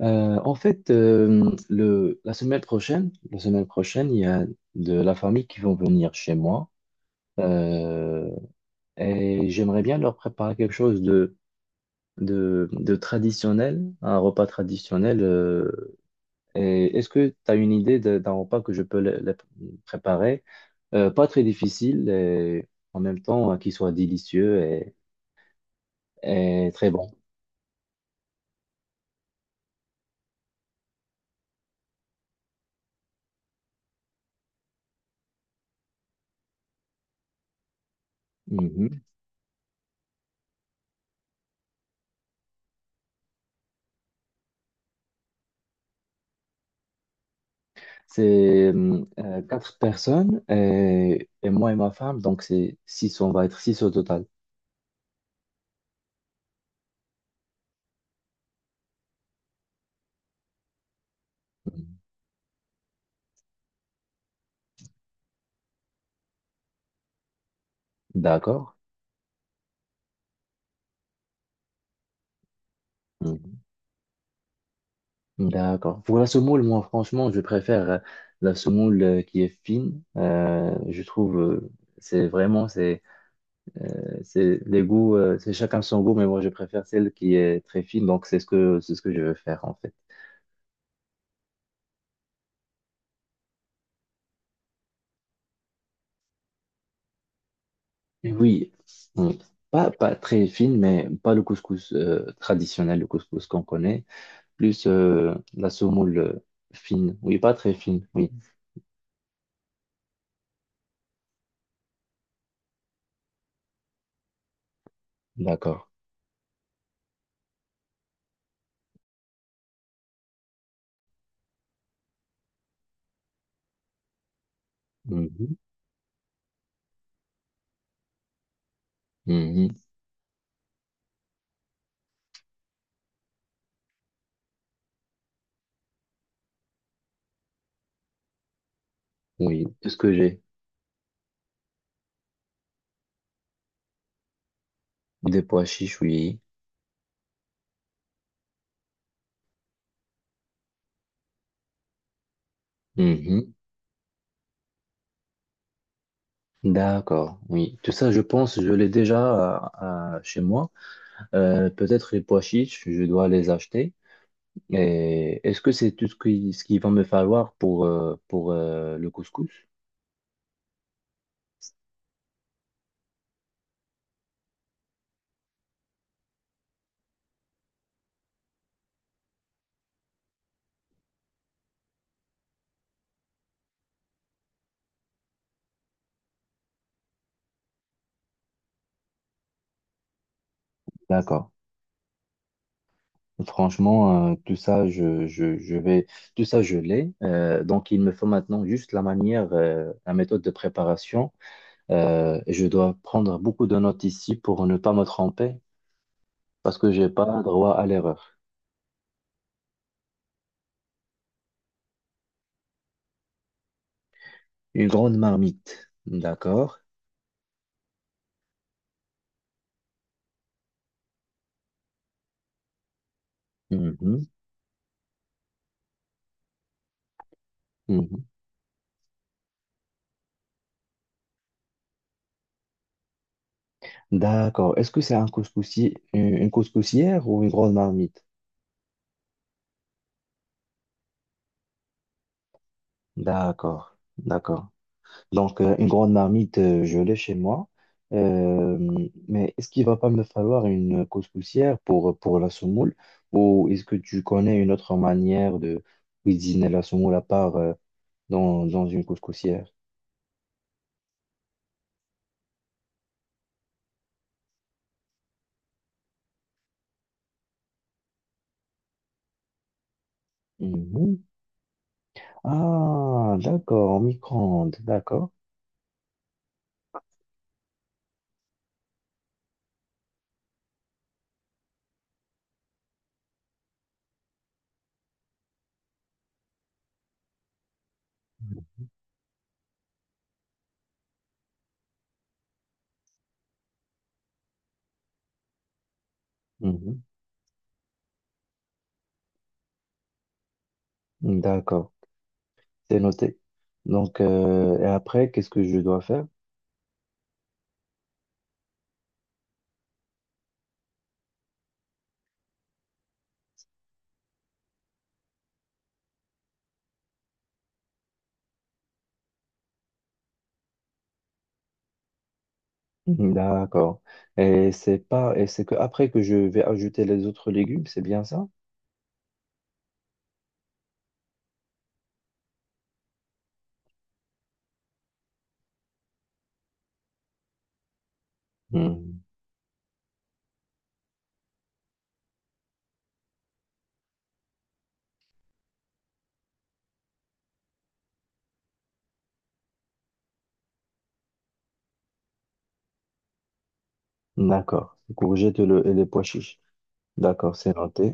La semaine prochaine, il y a de la famille qui vont venir chez moi euh, et j'aimerais bien leur préparer quelque chose de traditionnel, un repas traditionnel. Et est-ce que tu as une idée d'un repas que je peux le préparer? Pas très difficile et en même temps qui soit délicieux et très bon. Mhm. C'est quatre personnes et moi et ma femme, donc c'est six, on va être six au total. Mhm. D'accord. Mhm. D'accord. Pour la semoule, moi franchement, je préfère la semoule qui est fine. Je trouve, c'est vraiment, c'est, c'est les goûts, c'est chacun son goût, mais moi je préfère celle qui est très fine, donc c'est ce que je veux faire en fait. Oui, oui. Hum. Pas très fine, mais pas le couscous traditionnel, le couscous qu'on connaît. Plus la semoule fine. Oui, pas très fine, oui. D'accord. Mhm. Mhm. Oui. Tout ce que j'ai? Des pois chiches, oui. Mhm. D'accord, oui. Tout ça, je pense, je l'ai déjà chez moi. Peut-être les pois chiches, je dois les acheter. Et est-ce que c'est tout ce ce qu'il va me falloir pour le couscous? D'accord. Franchement, tout ça, tout ça, je l'ai. Donc, il me faut maintenant juste la manière, la méthode de préparation. Et je dois prendre beaucoup de notes ici pour ne pas me tromper, parce que j'ai pas droit à l'erreur. Une grande marmite. D'accord. Mhm, mhm. D'accord. Est-ce que c'est un couscoussier, une couscoussière ou une grande marmite? D'accord. D'accord. Donc, une grande marmite, je l'ai chez moi. Euh, mais est-ce qu'il va pas me falloir une couscoussière pour la semoule? Ou est-ce que tu connais une autre manière de cuisiner la semoule à part dans, dans une couscoussière? Mhm. Ah, d'accord, en micro-ondes, d'accord. Mhm. D'accord, c'est noté. Donc, et après, qu'est-ce que je dois faire? Mhm. D'accord. Et c'est pas, et c'est que après que je vais ajouter les autres légumes, c'est bien ça? Hmm. D'accord. Courgette et et les pois chiches. D'accord, c'est noté.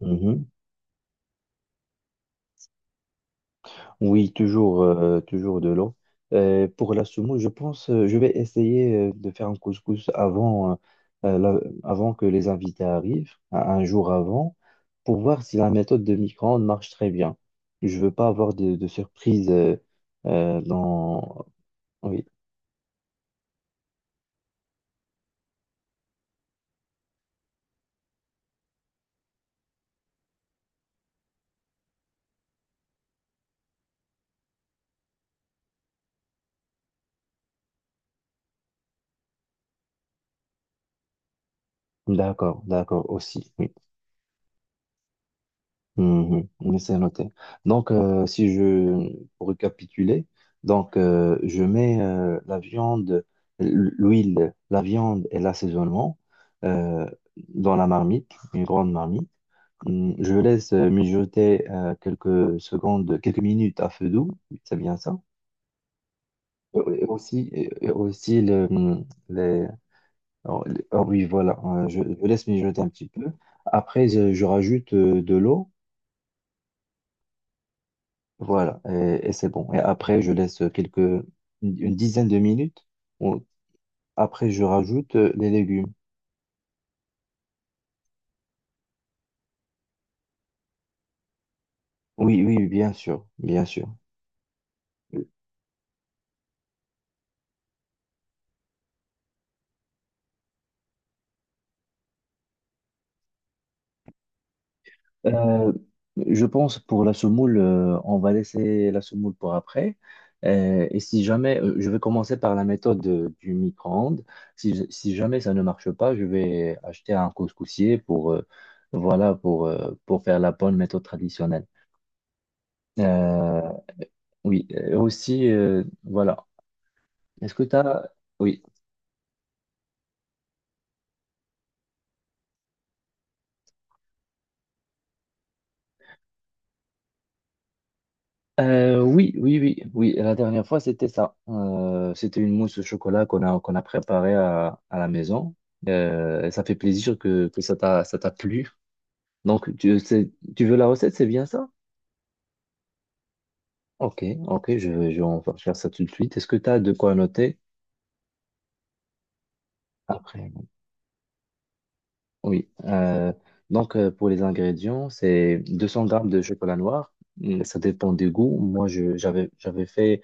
Mhm. Oui, toujours, toujours de l'eau. Pour la semoule, je pense, je vais essayer de faire un couscous avant, euh, la- avant que les invités arrivent, un jour avant, pour voir si la méthode de micro-ondes marche très bien. Je veux pas avoir de surprise dans... Oui, d'accord, d'accord aussi. Oui. Mhm, mais c'est noté. Donc, si je pour récapituler, donc je mets la viande, l'huile, la viande et l'assaisonnement euh, dans la marmite, une grande marmite. Je laisse mijoter quelques secondes, quelques minutes à feu doux, c'est bien ça. Et aussi le, les- oh oui, voilà, je laisse mijoter un petit peu. Après, je rajoute de l'eau. Voilà, et c'est bon. Et après, je laisse quelques, une dizaine de minutes. On- Après, je rajoute les légumes. Oui, oui, oui, bien sûr, bien sûr. Euh, je pense pour la semoule, on va laisser la semoule pour après. Et si jamais, je vais commencer par la méthode du micro-ondes. Si jamais ça ne marche pas, je vais acheter un couscoussier pour, voilà, pour faire la bonne méthode traditionnelle. Euh, oui, et aussi, voilà, est-ce que tu as... Oui. Oui. La dernière fois, c'était ça. C'était une mousse au chocolat qu'on a préparée à la maison. Et ça fait plaisir que ça ça t'a plu. Donc, tu, tu veux la recette, c'est bien ça? Ok, ok, je vais en faire ça tout de suite. Est-ce que tu as de quoi noter après? Oui. Pour les ingrédients, c'est 200 grammes de chocolat noir. Ça dépend des goûts. Moi, j'avais fait,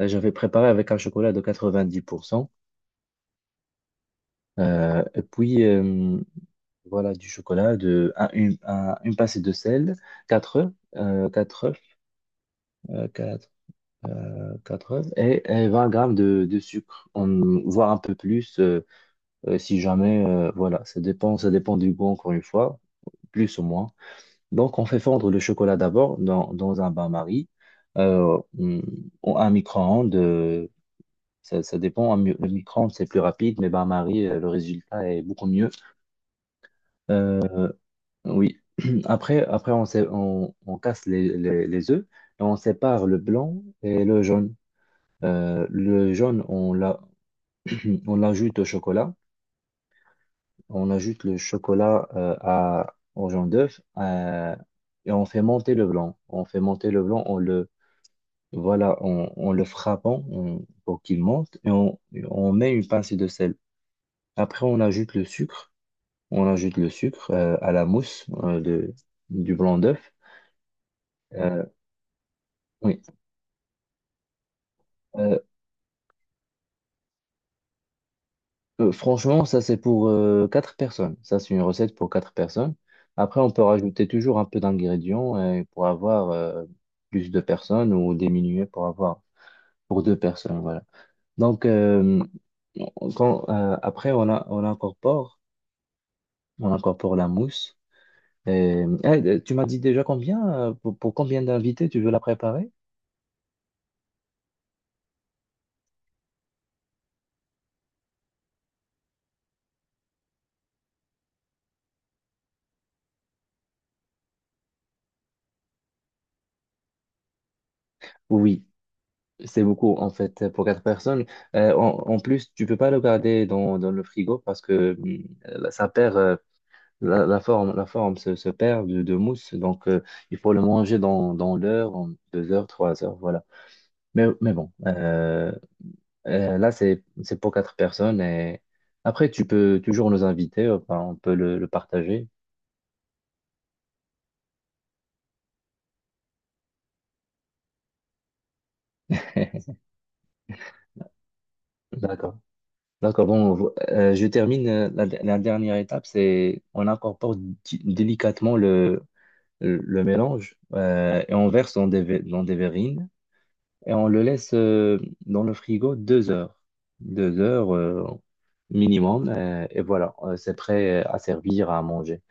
j'avais préparé avec un chocolat de 90%. Et puis, voilà, du chocolat, de, un- une pincée de sel, 4 œufs, 4 œufs, euh, quatre- quatre œufs, et 20 grammes de sucre, on, voire un peu plus, si jamais, voilà, ça dépend du goût, encore une fois, plus ou moins. Donc, on fait fondre le chocolat d'abord dans, dans un bain-marie, euh, mm, ou un micro-ondes, ça dépend, le micro-ondes, c'est plus rapide, mais bain-marie, le résultat est beaucoup mieux. Euh, Oui. Après, on casse les œufs et on sépare le blanc et le jaune. Le jaune, on l'a, on l'ajoute au chocolat. On ajoute le chocolat au jaune d'œuf et on fait monter le blanc. On fait monter le blanc, voilà, on le frappant pour qu'il monte on met une pincée de sel. Après, on ajoute le sucre. On ajoute le sucre à la mousse du blanc d'œuf. Euh, oui. Euh, franchement, ça c'est pour 4 personnes. Ça c'est une recette pour 4 personnes. Après, on peut rajouter toujours un peu d'ingrédients pour avoir plus de personnes ou diminuer pour avoir pour 2 personnes. Voilà. Donc après, on incorpore la mousse. Et, eh, tu m'as dit déjà combien pour combien d'invités tu veux la préparer? Oui, c'est beaucoup, en fait, pour 4 personnes. En plus, tu peux pas le garder dans, dans le frigo parce que ça perd, la forme se perd de mousse. Donc, il faut le manger dans, dans l'heure, en 2 heures, 3 heures, voilà. Mais bon, là, c'est pour 4 personnes. Et après, tu peux toujours nous inviter, enfin, on peut le partager. D'accord. D'accord, bon, je termine la dernière étape, c'est on incorpore délicatement le mélange et on verse dans dans des verrines et on le laisse dans le frigo 2 heures, 2 heures minimum et voilà, c'est prêt à servir, à manger.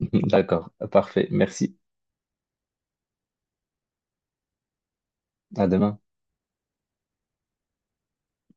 D'accord, parfait, merci, à demain.